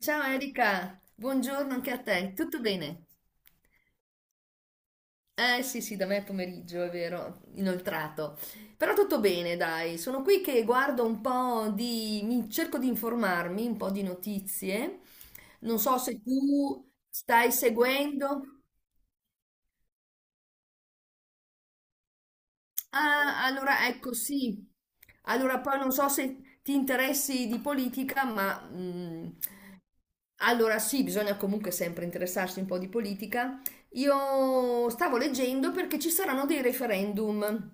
Ciao Erika, buongiorno anche a te, tutto bene? Eh sì sì, da me è pomeriggio, è vero, inoltrato. Però tutto bene, dai, sono qui che guardo un po' di... cerco di informarmi, un po' di notizie. Non so se tu stai seguendo. Ah, allora ecco sì. Allora poi non so se ti interessi di politica, ma... allora sì, bisogna comunque sempre interessarsi un po' di politica. Io stavo leggendo perché ci saranno dei referendum.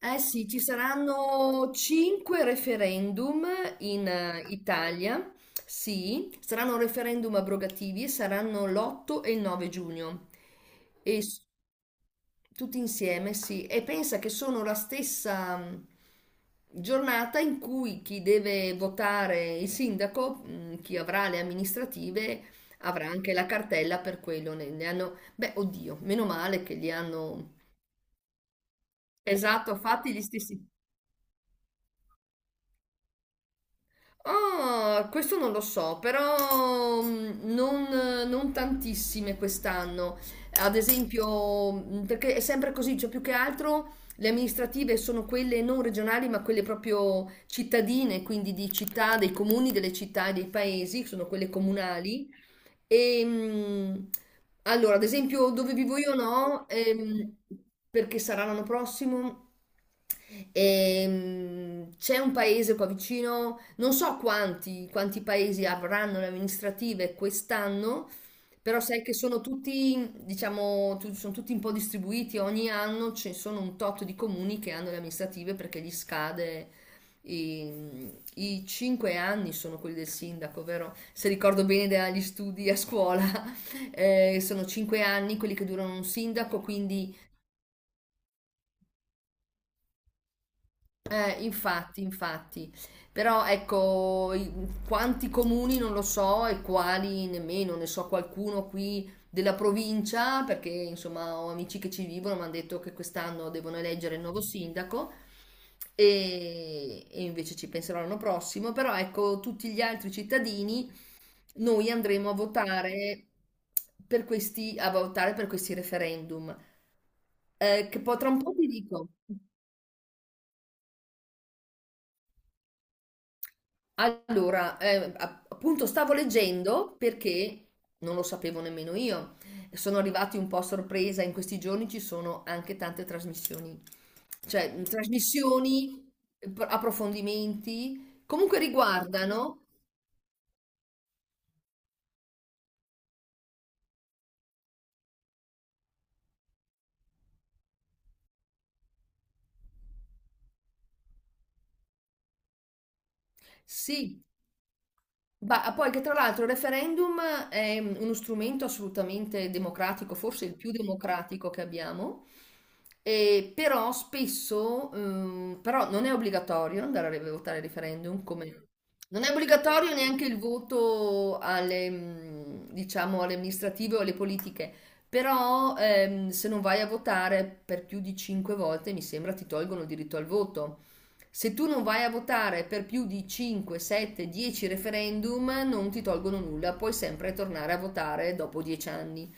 Eh sì, ci saranno 5 referendum in Italia. Sì, saranno referendum abrogativi e saranno l'8 e il 9 giugno. E s- Tutti insieme, sì. E pensa che sono la stessa giornata in cui chi deve votare il sindaco, chi avrà le amministrative, avrà anche la cartella per quello. Ne hanno, beh, oddio, meno male che li hanno, esatto, fatti gli stessi. Ah, questo non lo so, però non tantissime quest'anno. Ad esempio, perché è sempre così, cioè più che altro le amministrative sono quelle non regionali, ma quelle proprio cittadine, quindi di città, dei comuni, delle città e dei paesi, sono quelle comunali. E, mh, allora, ad esempio, dove vivo io no, perché sarà l'anno prossimo. C'è un paese qua vicino, non so quanti paesi avranno le amministrative quest'anno, però sai che sono tutti, diciamo, sono tutti un po' distribuiti, ogni anno ci sono un tot di comuni che hanno le amministrative perché gli scade i, i cinque anni sono quelli del sindaco, vero? Se ricordo bene dagli studi a scuola, sono 5 anni quelli che durano un sindaco, quindi infatti. Però ecco, quanti comuni non lo so e quali nemmeno, ne so qualcuno qui della provincia, perché insomma ho amici che ci vivono, mi hanno detto che quest'anno devono eleggere il nuovo sindaco e invece ci penserò l'anno prossimo, però ecco, tutti gli altri cittadini. Noi andremo a votare per questi, a votare per questi referendum, che poi tra un po' ti dico. Allora, appunto stavo leggendo perché non lo sapevo nemmeno io. Sono arrivati un po' a sorpresa, in questi giorni ci sono anche tante trasmissioni, approfondimenti, comunque riguardano, sì. Ma poi che tra l'altro il referendum è uno strumento assolutamente democratico, forse il più democratico che abbiamo, e però spesso, però non è obbligatorio andare a votare il referendum, come non è obbligatorio neanche il voto alle, diciamo, alle amministrative o alle politiche, però se non vai a votare per più di 5 volte, mi sembra, ti tolgono il diritto al voto. Se tu non vai a votare per più di 5, 7, 10 referendum, non ti tolgono nulla, puoi sempre tornare a votare dopo 10 anni.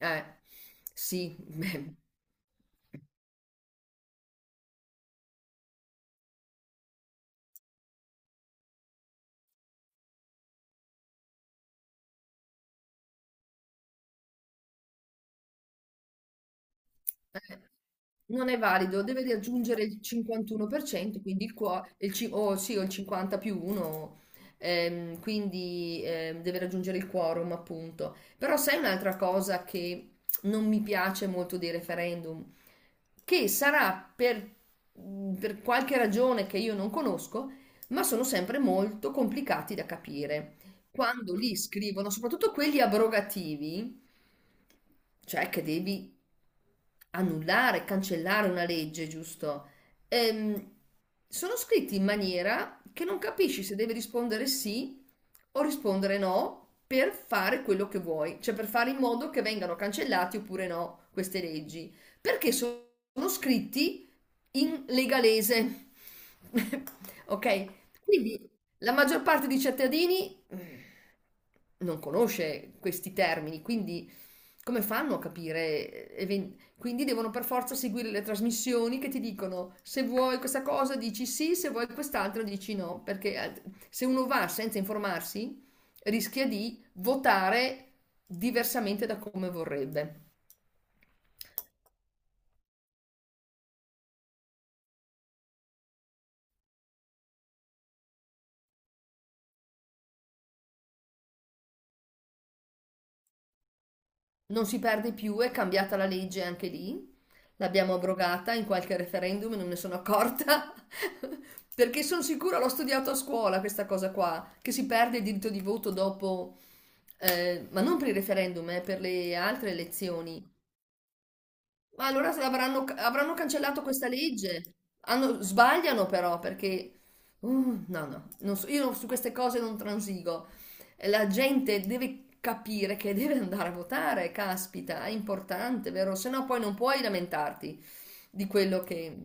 Eh, sì, beh, eh, non è valido, deve riaggiungere il 51%, quindi il qua- il ci- o sì, o il 50 più 1, quindi deve raggiungere il quorum, appunto. Però sai un'altra cosa che non mi piace molto dei referendum, che sarà per qualche ragione che io non conosco, ma sono sempre molto complicati da capire quando li scrivono, soprattutto quelli abrogativi, cioè che devi annullare, cancellare una legge, giusto? Ehm, Sono scritti in maniera che non capisci se devi rispondere sì o rispondere no per fare quello che vuoi, cioè per fare in modo che vengano cancellati oppure no queste leggi, perché sono scritti in legalese. Ok? Quindi la maggior parte dei cittadini... Mm. Non conosce questi termini, quindi come fanno a capire? Quindi devono per forza seguire le trasmissioni che ti dicono se vuoi questa cosa dici sì, se vuoi quest'altro dici no, perché se uno va senza informarsi rischia di votare diversamente da come vorrebbe. Non si perde più, è cambiata la legge anche lì. L'abbiamo abrogata in qualche referendum e non ne sono accorta. Perché sono sicura, l'ho studiato a scuola questa cosa qua, che si perde il diritto di voto dopo, ma non per il referendum, per le altre elezioni. Ma allora se avranno, avranno cancellato questa legge? Sbagliano però perché... no, no, non so- io su queste cose non transigo. La gente deve capire che deve andare a votare, caspita, è importante, vero? Se no poi non puoi lamentarti di quello che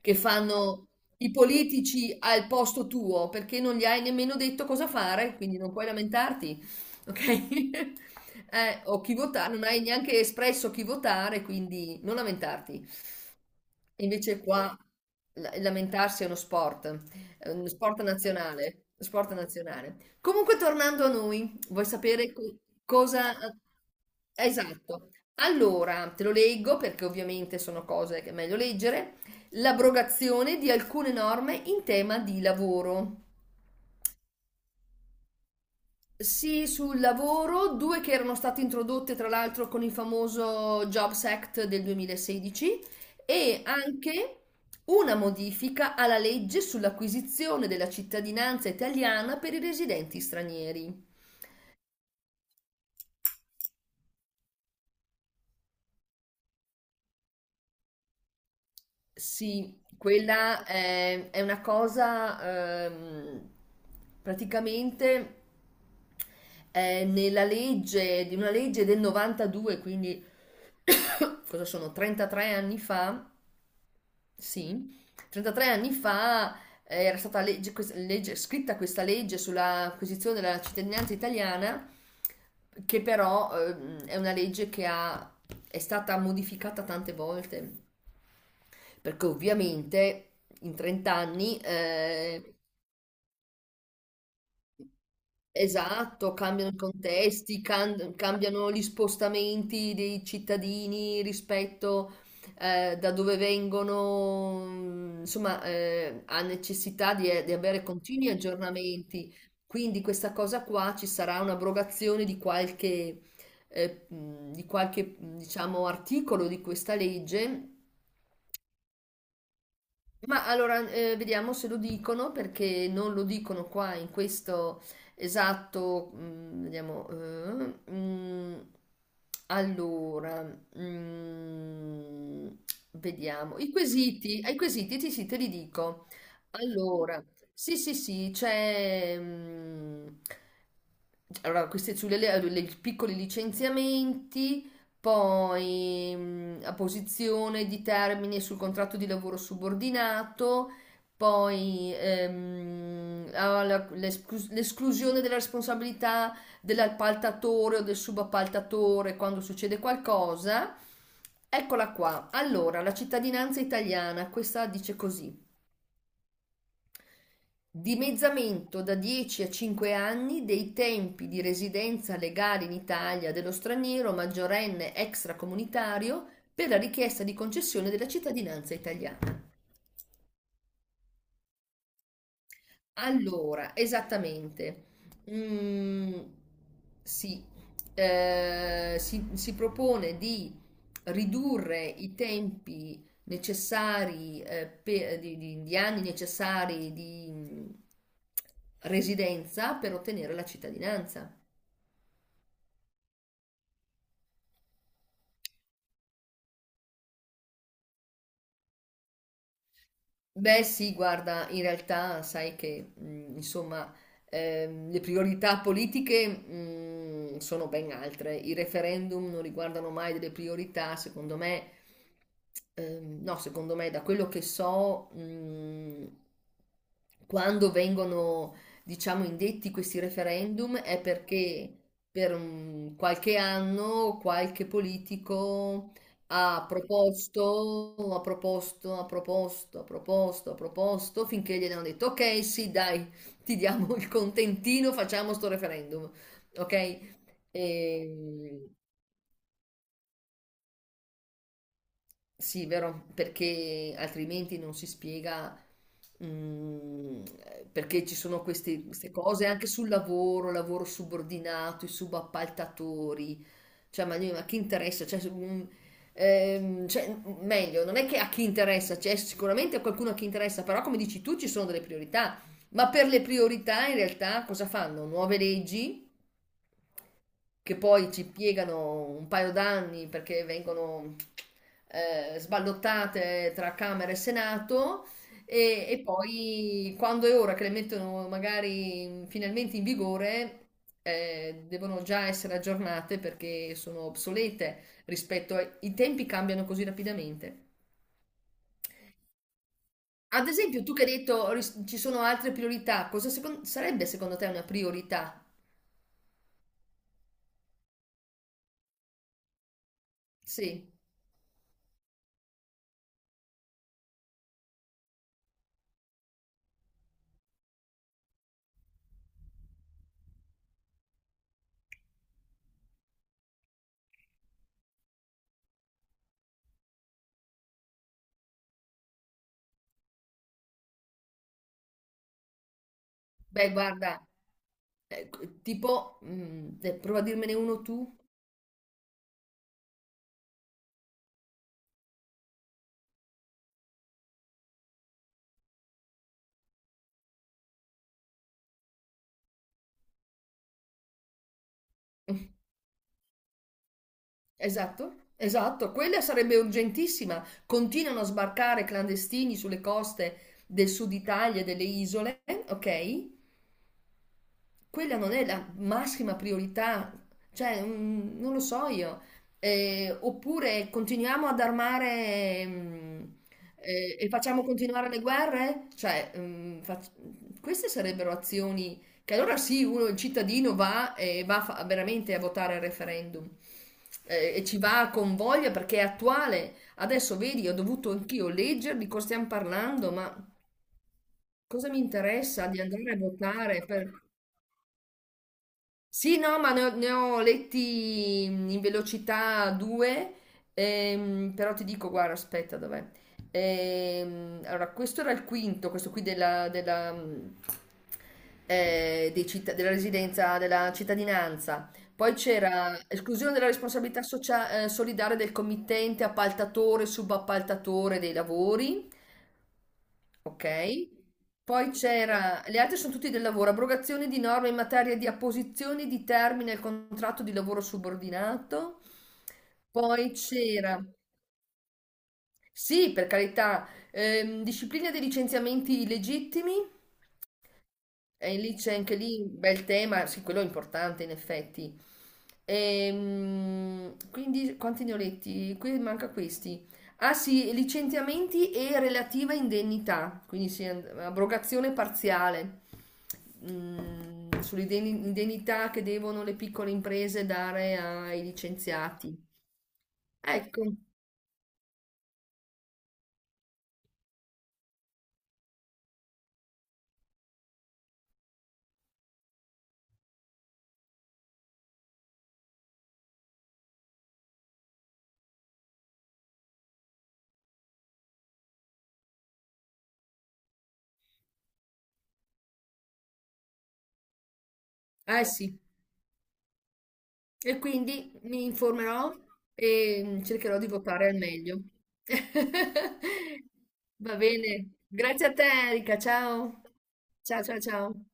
fanno i politici al posto tuo perché non gli hai nemmeno detto cosa fare, quindi non puoi lamentarti, ok? O chi votare, non hai neanche espresso chi votare, quindi non lamentarti. Invece qua lamentarsi è uno sport nazionale, sport nazionale. Comunque tornando a noi, vuoi sapere cosa? Esatto. Allora, te lo leggo perché ovviamente sono cose che è meglio leggere. L'abrogazione di alcune norme in tema di lavoro. Sì, sul lavoro, due che erano state introdotte tra l'altro con il famoso Jobs Act del 2016, e anche una modifica alla legge sull'acquisizione della cittadinanza italiana per i residenti stranieri. Sì, quella è una cosa praticamente nella legge, di una legge del 92, quindi cosa sono 33 anni fa. Sì, 33 anni fa era stata legge- questa- legge- scritta questa legge sull'acquisizione della cittadinanza italiana, che però è una legge che ha- è stata modificata tante volte, perché ovviamente in 30 anni eh... Esatto, cambiano i contesti, cambiano gli spostamenti dei cittadini rispetto da dove vengono, insomma, ha necessità di avere continui aggiornamenti. Quindi questa cosa qua ci sarà un'abrogazione di qualche, diciamo, articolo di questa legge. Ma allora, vediamo se lo dicono perché non lo dicono qua in questo, esatto. mm, vediamo. Mm, allora, mm, vediamo. I quesiti, ai quesiti sì, sì, te li dico. Allora, sì, sì, sì, c'è. Allora, questi sulle i piccoli licenziamenti. Poi a posizione di termine sul contratto di lavoro subordinato, poi l'esclusione della responsabilità dell'appaltatore o del subappaltatore quando succede qualcosa. Eccola qua. Allora, la cittadinanza italiana, questa dice così. Dimezzamento da 10 a 5 anni dei tempi di residenza legale in Italia dello straniero maggiorenne extracomunitario per la richiesta di concessione della cittadinanza italiana. Allora, esattamente. Mm, sì, eh, si propone di ridurre i tempi necessari, di anni necessari di residenza per ottenere la cittadinanza. Beh sì, guarda, in realtà sai che insomma le priorità politiche sono ben altre. I referendum non riguardano mai delle priorità, secondo me, no, secondo me, da quello che so, quando vengono, diciamo, indetti questi referendum è perché per un qualche anno qualche politico ha proposto, finché gli hanno detto, ok, sì, dai, ti diamo il contentino, facciamo sto referendum, ok? E, sì, vero, perché altrimenti non si spiega mm, perché ci sono queste cose anche sul lavoro, lavoro subordinato, i subappaltatori. Cioè, ma chi interessa? Cioè, cioè, meglio, non è che a chi interessa, c'è cioè, sicuramente a qualcuno a chi interessa, però come dici tu ci sono delle priorità. Ma per le priorità in realtà cosa fanno? Nuove leggi? Che poi ci piegano un paio d'anni perché vengono sballottate tra Camera e Senato. E poi quando è ora che le mettono magari finalmente in vigore, devono già essere aggiornate perché sono obsolete rispetto ai i tempi cambiano così rapidamente. Ad esempio, tu che hai detto ci sono altre priorità, sarebbe secondo te una priorità? Sì. Beh, guarda, ecco, tipo, prova a dirmene uno tu. Esatto, esatto, quella sarebbe urgentissima. Continuano a sbarcare clandestini sulle coste del sud Italia e delle isole, ok? Quella non è la massima priorità, cioè non lo so io. Oppure continuiamo ad armare e facciamo continuare le guerre? Cioè, queste sarebbero azioni che allora sì, uno, il cittadino va e veramente a votare il referendum e ci va con voglia perché è attuale. Adesso vedi, ho dovuto anch'io leggere di cosa stiamo parlando, ma cosa mi interessa di andare a votare per... Sì, no, ma ne ho letti in velocità due, però ti dico, guarda, aspetta, dov'è? Allora, questo era il quinto, questo qui della residenza, della cittadinanza. Poi c'era esclusione della responsabilità solidale del committente, appaltatore, subappaltatore dei lavori, ok? Poi c'era, le altre sono tutti del lavoro, abrogazione di norme in materia di apposizione di termine al contratto di lavoro subordinato. Poi c'era, sì, per carità, disciplina dei licenziamenti illegittimi. E lì c'è anche lì un bel tema, sì, quello è importante in effetti. Quindi quanti ne ho letti? Qui manca questi. Ah sì, licenziamenti e relativa indennità, quindi sì, abrogazione parziale sull'indennità che devono le piccole imprese dare ai licenziati. Ecco, eh sì. E quindi mi informerò e cercherò di votare al meglio. Va bene, grazie a te Erika, ciao. Ciao ciao ciao.